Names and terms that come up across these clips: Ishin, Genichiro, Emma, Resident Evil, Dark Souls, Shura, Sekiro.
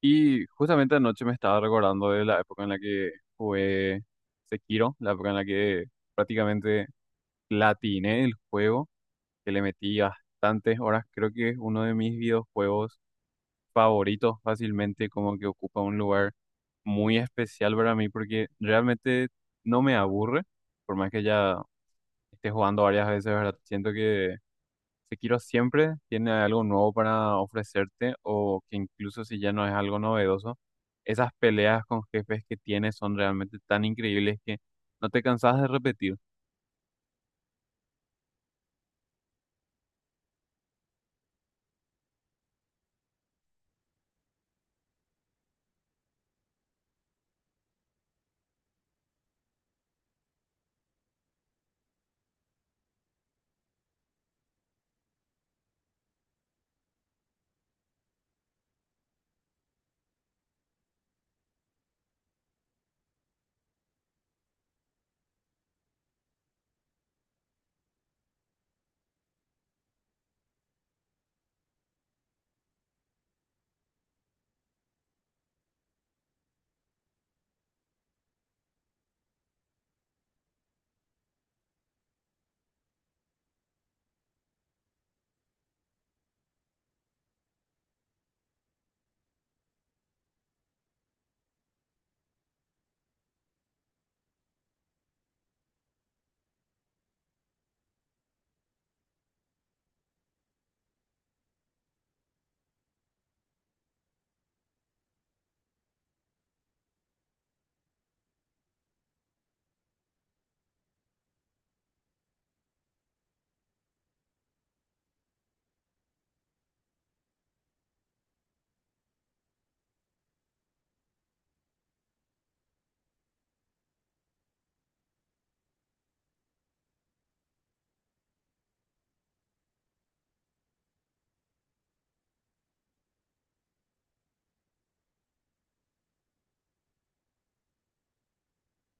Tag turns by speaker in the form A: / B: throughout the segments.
A: Y justamente anoche me estaba recordando de la época en la que jugué Sekiro, la época en la que prácticamente platiné el juego, que le metí bastantes horas. Creo que es uno de mis videojuegos favoritos fácilmente, como que ocupa un lugar muy especial para mí porque realmente no me aburre, por más que ya esté jugando varias veces, ¿verdad? Siento que Sekiro siempre tiene algo nuevo para ofrecerte o que incluso si ya no es algo novedoso, esas peleas con jefes que tiene son realmente tan increíbles que no te cansas de repetir.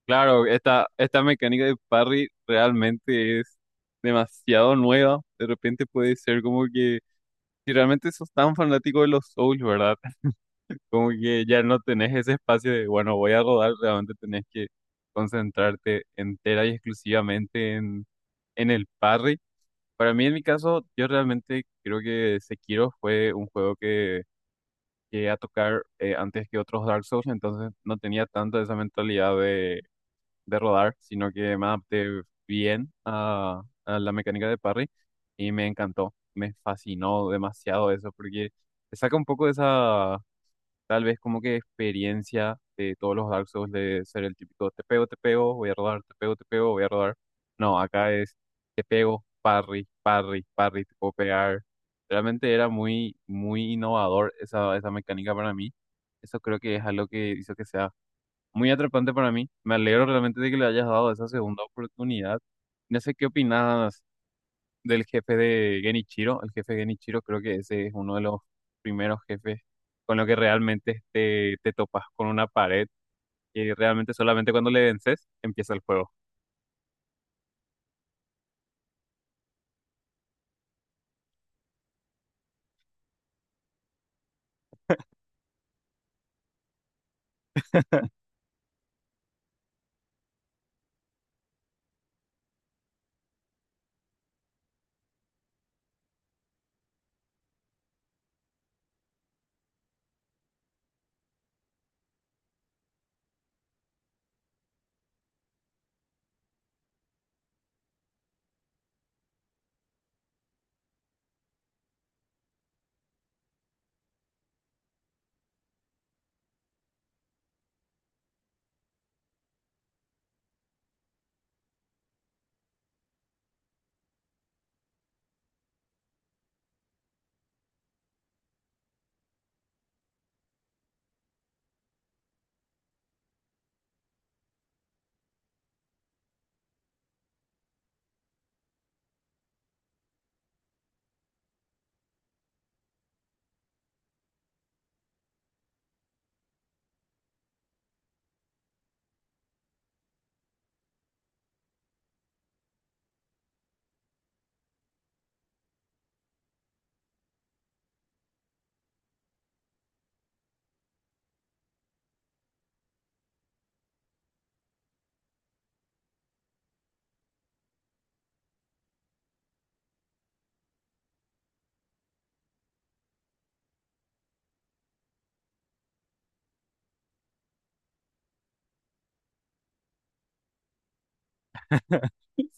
A: Claro, esta mecánica de parry realmente es demasiado nueva. De repente puede ser como que si realmente sos tan fanático de los Souls, ¿verdad? Como que ya no tenés ese espacio de, bueno, voy a rodar, realmente tenés que concentrarte entera y exclusivamente en el parry. Para mí, en mi caso, yo realmente creo que Sekiro fue un juego que llegué a tocar antes que otros Dark Souls, entonces no tenía tanto esa mentalidad de rodar, sino que me adapté bien a la mecánica de parry y me encantó, me fascinó demasiado eso, porque te saca un poco de esa, tal vez como que, experiencia de todos los Dark Souls de ser el típico te pego, voy a rodar, te pego, voy a rodar. No, acá es te pego, parry, parry, parry, te puedo pegar. Realmente era muy, muy innovador esa mecánica para mí. Eso creo que es algo que hizo que sea muy atrapante para mí. Me alegro realmente de que le hayas dado esa segunda oportunidad. No sé qué opinas del jefe de Genichiro. El jefe de Genichiro creo que ese es uno de los primeros jefes con lo que realmente te topas con una pared y realmente solamente cuando le vences empieza el juego.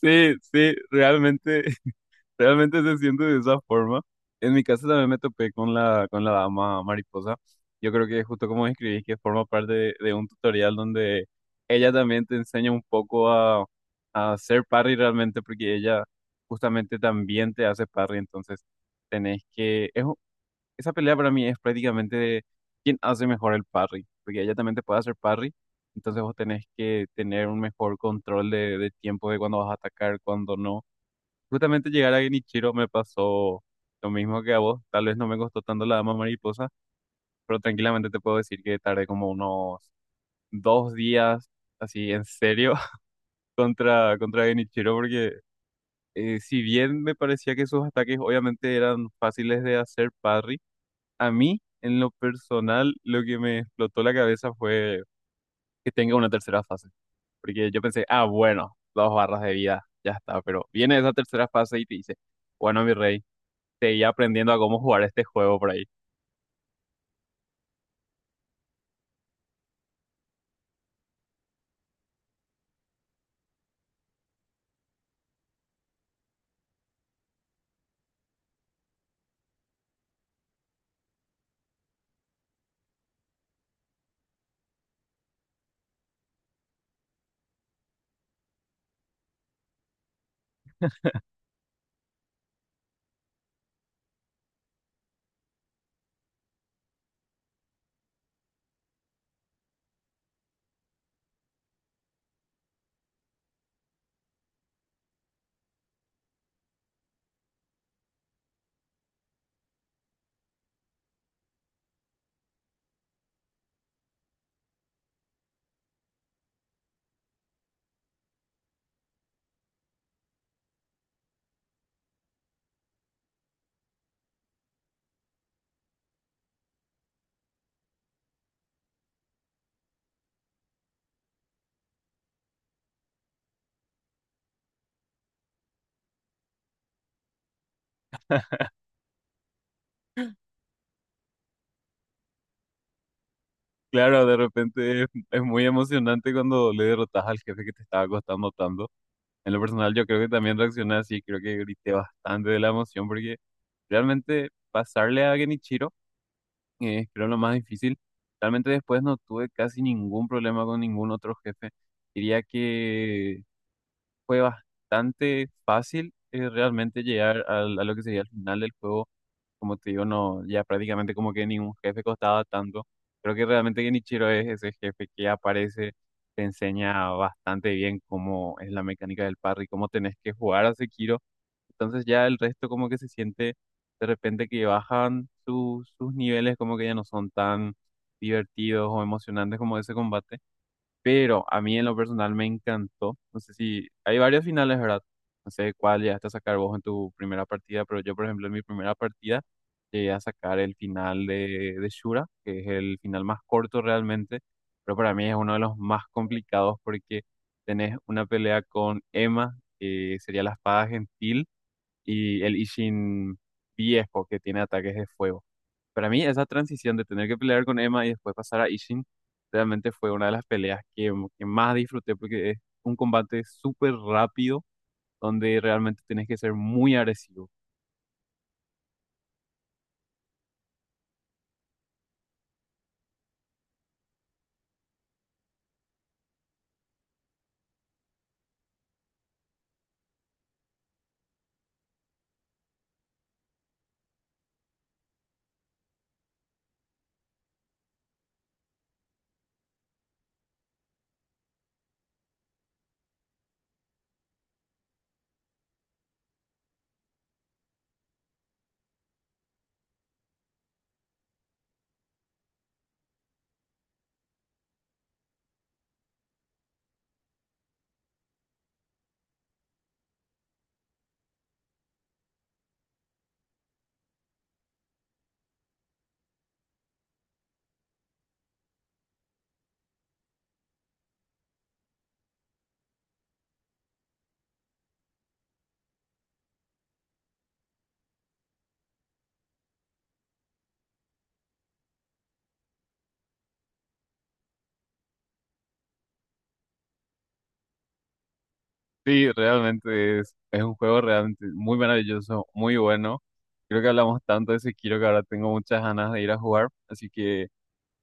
A: Sí, sí, realmente se siente de esa forma. En mi caso también me topé con con la dama mariposa. Yo creo que justo como describís, que forma parte de un tutorial donde ella también te enseña un poco a hacer parry realmente, porque ella justamente también te hace parry. Entonces, tenés que... esa pelea para mí es prácticamente de quién hace mejor el parry, porque ella también te puede hacer parry. Entonces, vos tenés que tener un mejor control de tiempo de cuándo vas a atacar, cuándo no. Justamente llegar a Genichiro me pasó lo mismo que a vos. Tal vez no me costó tanto la dama mariposa, pero tranquilamente te puedo decir que tardé como unos 2 días, así en serio, contra Genichiro, porque si bien me parecía que sus ataques obviamente eran fáciles de hacer parry, a mí, en lo personal, lo que me explotó la cabeza fue que tenga una tercera fase. Porque yo pensé, ah, bueno, 2 barras de vida, ya está, pero viene esa tercera fase y te dice, bueno, mi rey. Seguía aprendiendo a cómo jugar este juego por ahí. Claro, de repente es muy emocionante cuando le derrotas al jefe que te estaba costando tanto. En lo personal, yo creo que también reaccioné así, creo que grité bastante de la emoción porque realmente pasarle a Genichiro es, creo, lo más difícil. Realmente después no tuve casi ningún problema con ningún otro jefe. Diría que fue bastante fácil, realmente llegar a lo que sería el final del juego. Como te digo, no, ya prácticamente como que ningún jefe costaba tanto. Creo que realmente Genichiro es ese jefe que aparece, te enseña bastante bien cómo es la mecánica del parry, cómo tenés que jugar a Sekiro. Entonces ya el resto como que se siente de repente que bajan sus niveles, como que ya no son tan divertidos o emocionantes como ese combate. Pero a mí en lo personal me encantó. No sé si hay varios finales, ¿verdad? No sé cuál llegaste a sacar vos en tu primera partida, pero yo, por ejemplo, en mi primera partida llegué a sacar el final de Shura, que es el final más corto realmente, pero para mí es uno de los más complicados porque tenés una pelea con Emma, que sería la espada gentil, y el Ishin viejo, que tiene ataques de fuego. Para mí, esa transición de tener que pelear con Emma y después pasar a Ishin, realmente fue una de las peleas que más disfruté porque es un combate súper rápido donde realmente tienes que ser muy agresivo. Sí, realmente es un juego realmente muy maravilloso, muy bueno. Creo que hablamos tanto de Sekiro que ahora tengo muchas ganas de ir a jugar, así que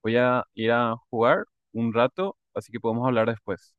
A: voy a ir a jugar un rato, así que podemos hablar después.